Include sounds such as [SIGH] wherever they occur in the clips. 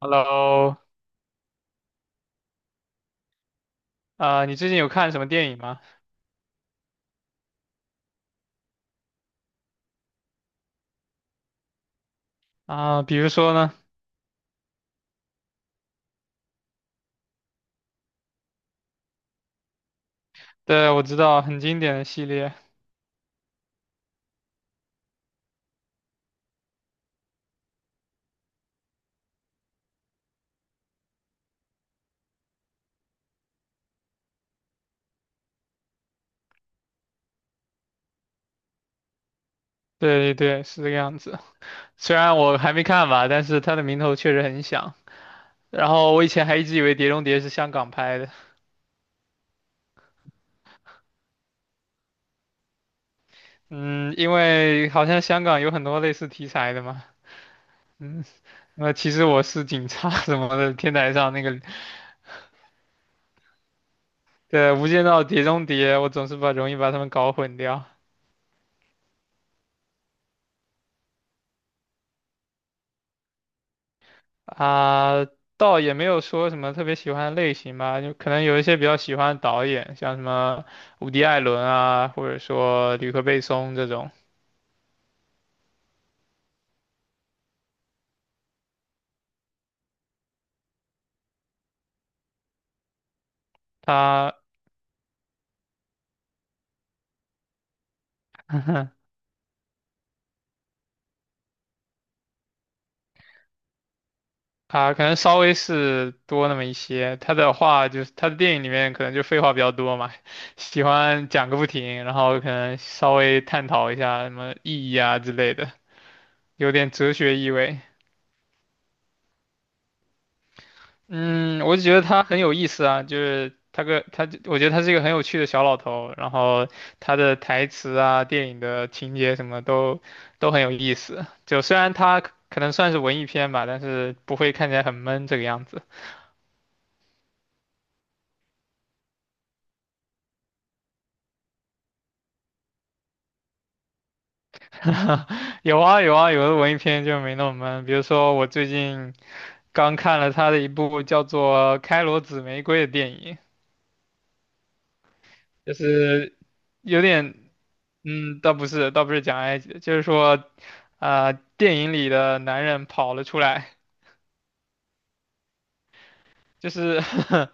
Hello，啊、你最近有看什么电影吗？啊、比如说呢？对，我知道很经典的系列，对对对，是这个样子。虽然我还没看吧，但是它的名头确实很响。然后我以前还一直以为《碟中谍》是香港拍的，嗯，因为好像香港有很多类似题材的嘛，嗯，那其实我是警察 [LAUGHS] 什么的，[LAUGHS] 天台上那个，对，《无间道》《碟中谍》，我总是把容易把他们搞混掉。啊，倒也没有说什么特别喜欢的类型吧，就可能有一些比较喜欢的导演，像什么伍迪·艾伦啊，或者说吕克·贝松这种，他 [LAUGHS] 啊，可能稍微是多那么一些。他的话就是他的电影里面可能就废话比较多嘛，[LAUGHS] 喜欢讲个不停，然后可能稍微探讨一下什么意义啊之类的，有点哲学意味。嗯，我就觉得他很有意思啊，就是他个他，我觉得他是一个很有趣的小老头，然后他的台词啊、电影的情节什么都很有意思。就虽然他可能算是文艺片吧，但是不会看起来很闷这个样子。[LAUGHS] 有啊有啊，有的文艺片就没那么闷，比如说我最近刚看了他的一部叫做《开罗紫玫瑰》的电影，就是有点。嗯，倒不是，倒不是讲埃及的就是说，电影里的男人跑了出来，就是 [LAUGHS]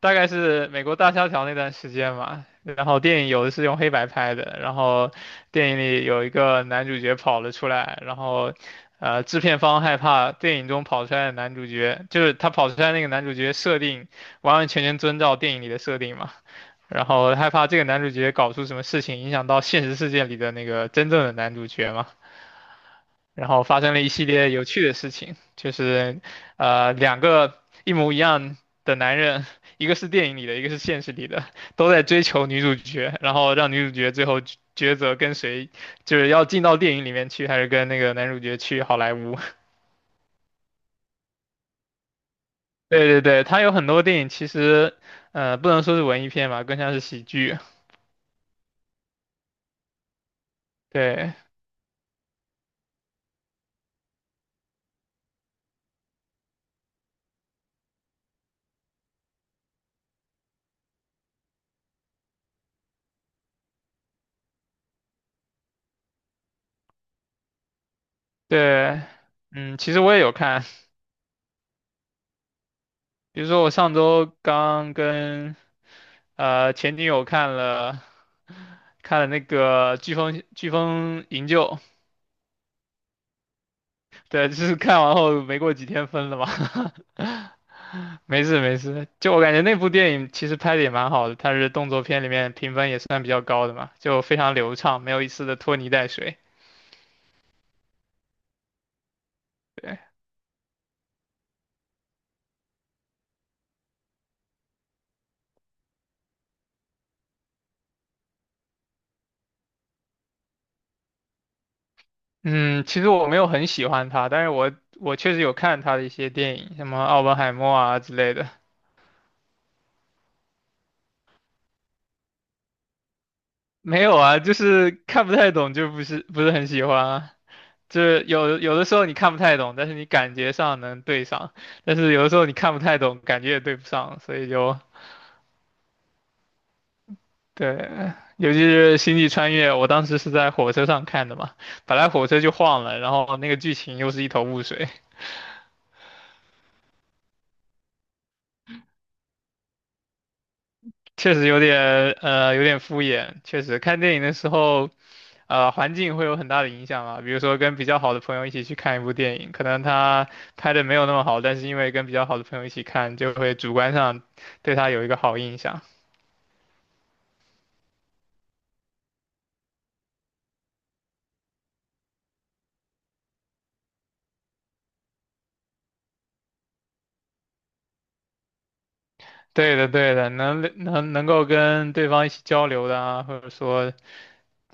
大概是美国大萧条那段时间嘛。然后电影有的是用黑白拍的，然后电影里有一个男主角跑了出来，然后，制片方害怕电影中跑出来的男主角，就是他跑出来那个男主角设定完完全全遵照电影里的设定嘛，然后害怕这个男主角搞出什么事情影响到现实世界里的那个真正的男主角嘛。然后发生了一系列有趣的事情，就是两个一模一样的男人，一个是电影里的，一个是现实里的，都在追求女主角，然后让女主角最后抉择跟谁，就是要进到电影里面去，还是跟那个男主角去好莱坞。[LAUGHS] 对对对，他有很多电影其实不能说是文艺片吧，更像是喜剧。对对，嗯，其实我也有看，比如说我上周刚跟前女友看了那个《飓风营救》，对，就是看完后没过几天分了嘛。[LAUGHS] 没事没事，就我感觉那部电影其实拍的也蛮好的，它是动作片里面评分也算比较高的嘛，就非常流畅，没有一丝的拖泥带水。对，嗯，其实我没有很喜欢他，但是我确实有看他的一些电影，什么《奥本海默》啊之类的。没有啊，就是看不太懂，就不是不是很喜欢啊。就是有的时候你看不太懂，但是你感觉上能对上；但是有的时候你看不太懂，感觉也对不上，所以就对。尤其是《星际穿越》，我当时是在火车上看的嘛，本来火车就晃了，然后那个剧情又是一头雾水，确实有点敷衍。确实看电影的时候环境会有很大的影响啊，比如说跟比较好的朋友一起去看一部电影，可能他拍的没有那么好，但是因为跟比较好的朋友一起看，就会主观上对他有一个好印象。对的，对的，能够跟对方一起交流的啊，或者说，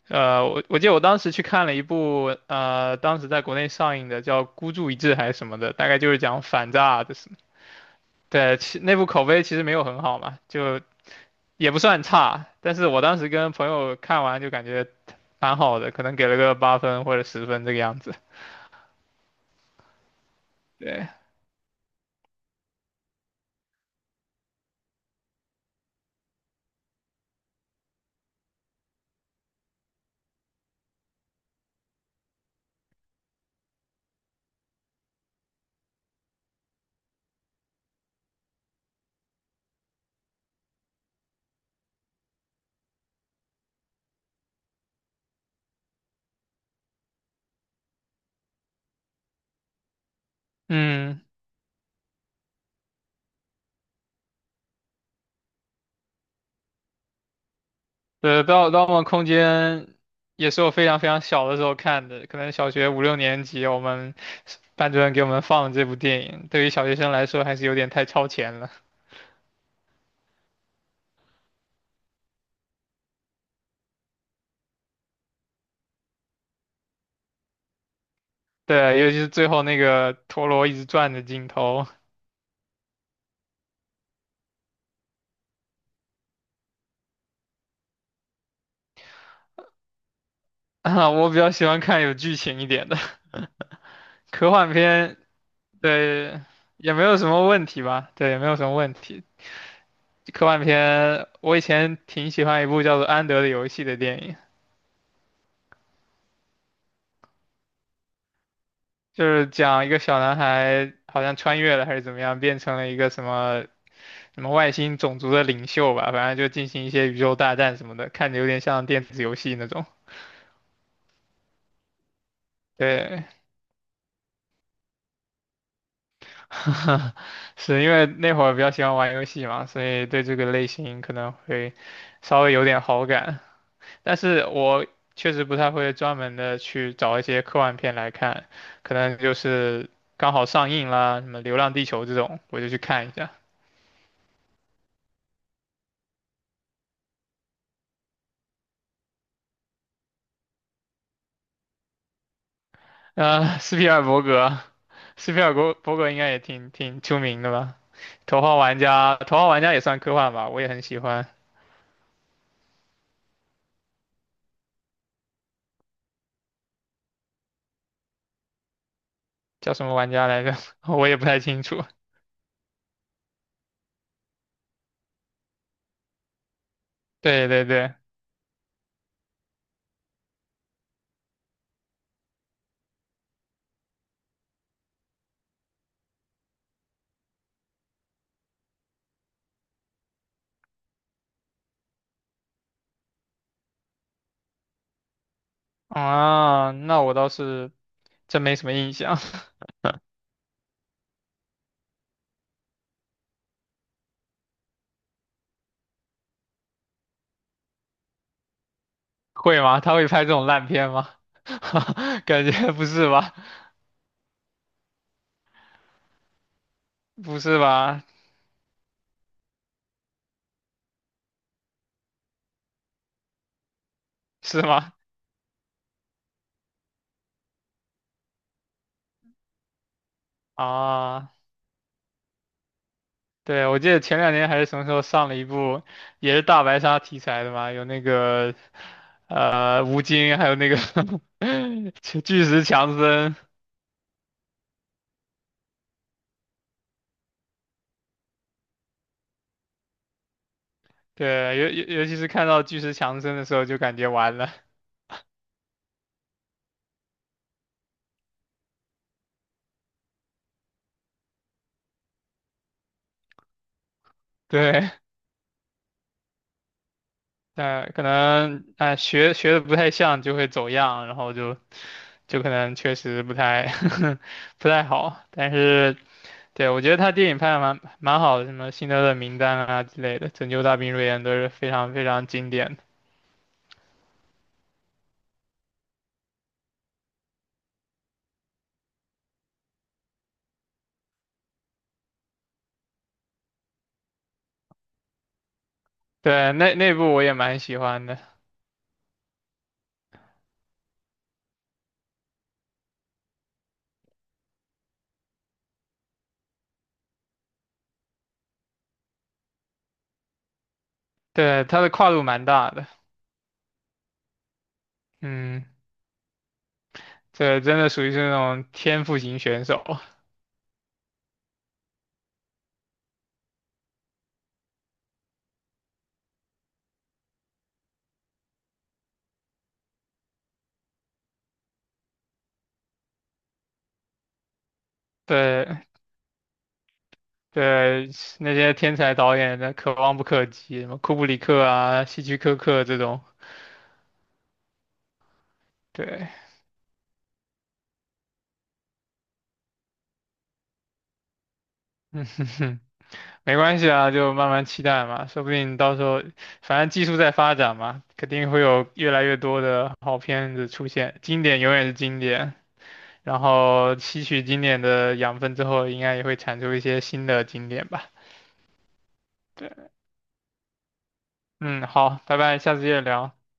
我记得我当时去看了一部，当时在国内上映的叫《孤注一掷》还是什么的，大概就是讲反诈的事。对，那部口碑其实没有很好嘛，就也不算差，但是我当时跟朋友看完就感觉蛮好的，可能给了个8分或者10分这个样子。对，嗯，对，《盗梦空间》也是我非常非常小的时候看的，可能小学五六年级，我们班主任给我们放这部电影，对于小学生来说还是有点太超前了。对，尤其是最后那个陀螺一直转的镜头，啊，我比较喜欢看有剧情一点的科幻片，对，也没有什么问题吧，对，也没有什么问题。科幻片，我以前挺喜欢一部叫做《安德的游戏》的电影，就是讲一个小男孩好像穿越了还是怎么样，变成了一个什么什么外星种族的领袖吧，反正就进行一些宇宙大战什么的，看着有点像电子游戏那种。对，[LAUGHS] 是因为那会儿比较喜欢玩游戏嘛，所以对这个类型可能会稍微有点好感。但是我确实不太会专门的去找一些科幻片来看，可能就是刚好上映啦，什么《流浪地球》这种，我就去看一下。斯皮尔伯格，斯皮尔伯格应该也挺出名的吧？《头号玩家》，《头号玩家》也算科幻吧，我也很喜欢。叫什么玩家来着？[LAUGHS] 我也不太清楚。对对对，啊，那我倒是真没什么印象。[LAUGHS] 会吗？他会拍这种烂片吗？[LAUGHS] 感觉不是吧？不是吧？[LAUGHS] 是吗？啊，对，我记得前两年还是什么时候上了一部，也是大白鲨题材的嘛，有那个吴京，还有那个 [LAUGHS] 巨石强森，对，尤其是看到巨石强森的时候，就感觉完了，对，可能哎、学的不太像就会走样，然后就可能确实不太 [LAUGHS] 不太好。但是对我觉得他电影拍的蛮好的，什么《辛德勒名单》啊之类的，《拯救大兵瑞恩》都是非常非常经典的。对，那部我也蛮喜欢的，对，他的跨度蛮大的。嗯，这真的属于是那种天赋型选手。对对，那些天才导演的可望不可及，什么库布里克啊、希区柯克这种。对，[LAUGHS] 嗯哼哼，没关系啊，就慢慢期待嘛，说不定到时候，反正技术在发展嘛，肯定会有越来越多的好片子出现，经典永远是经典，然后吸取经典的养分之后，应该也会产出一些新的经典吧。对，嗯，好，拜拜，下次接着聊。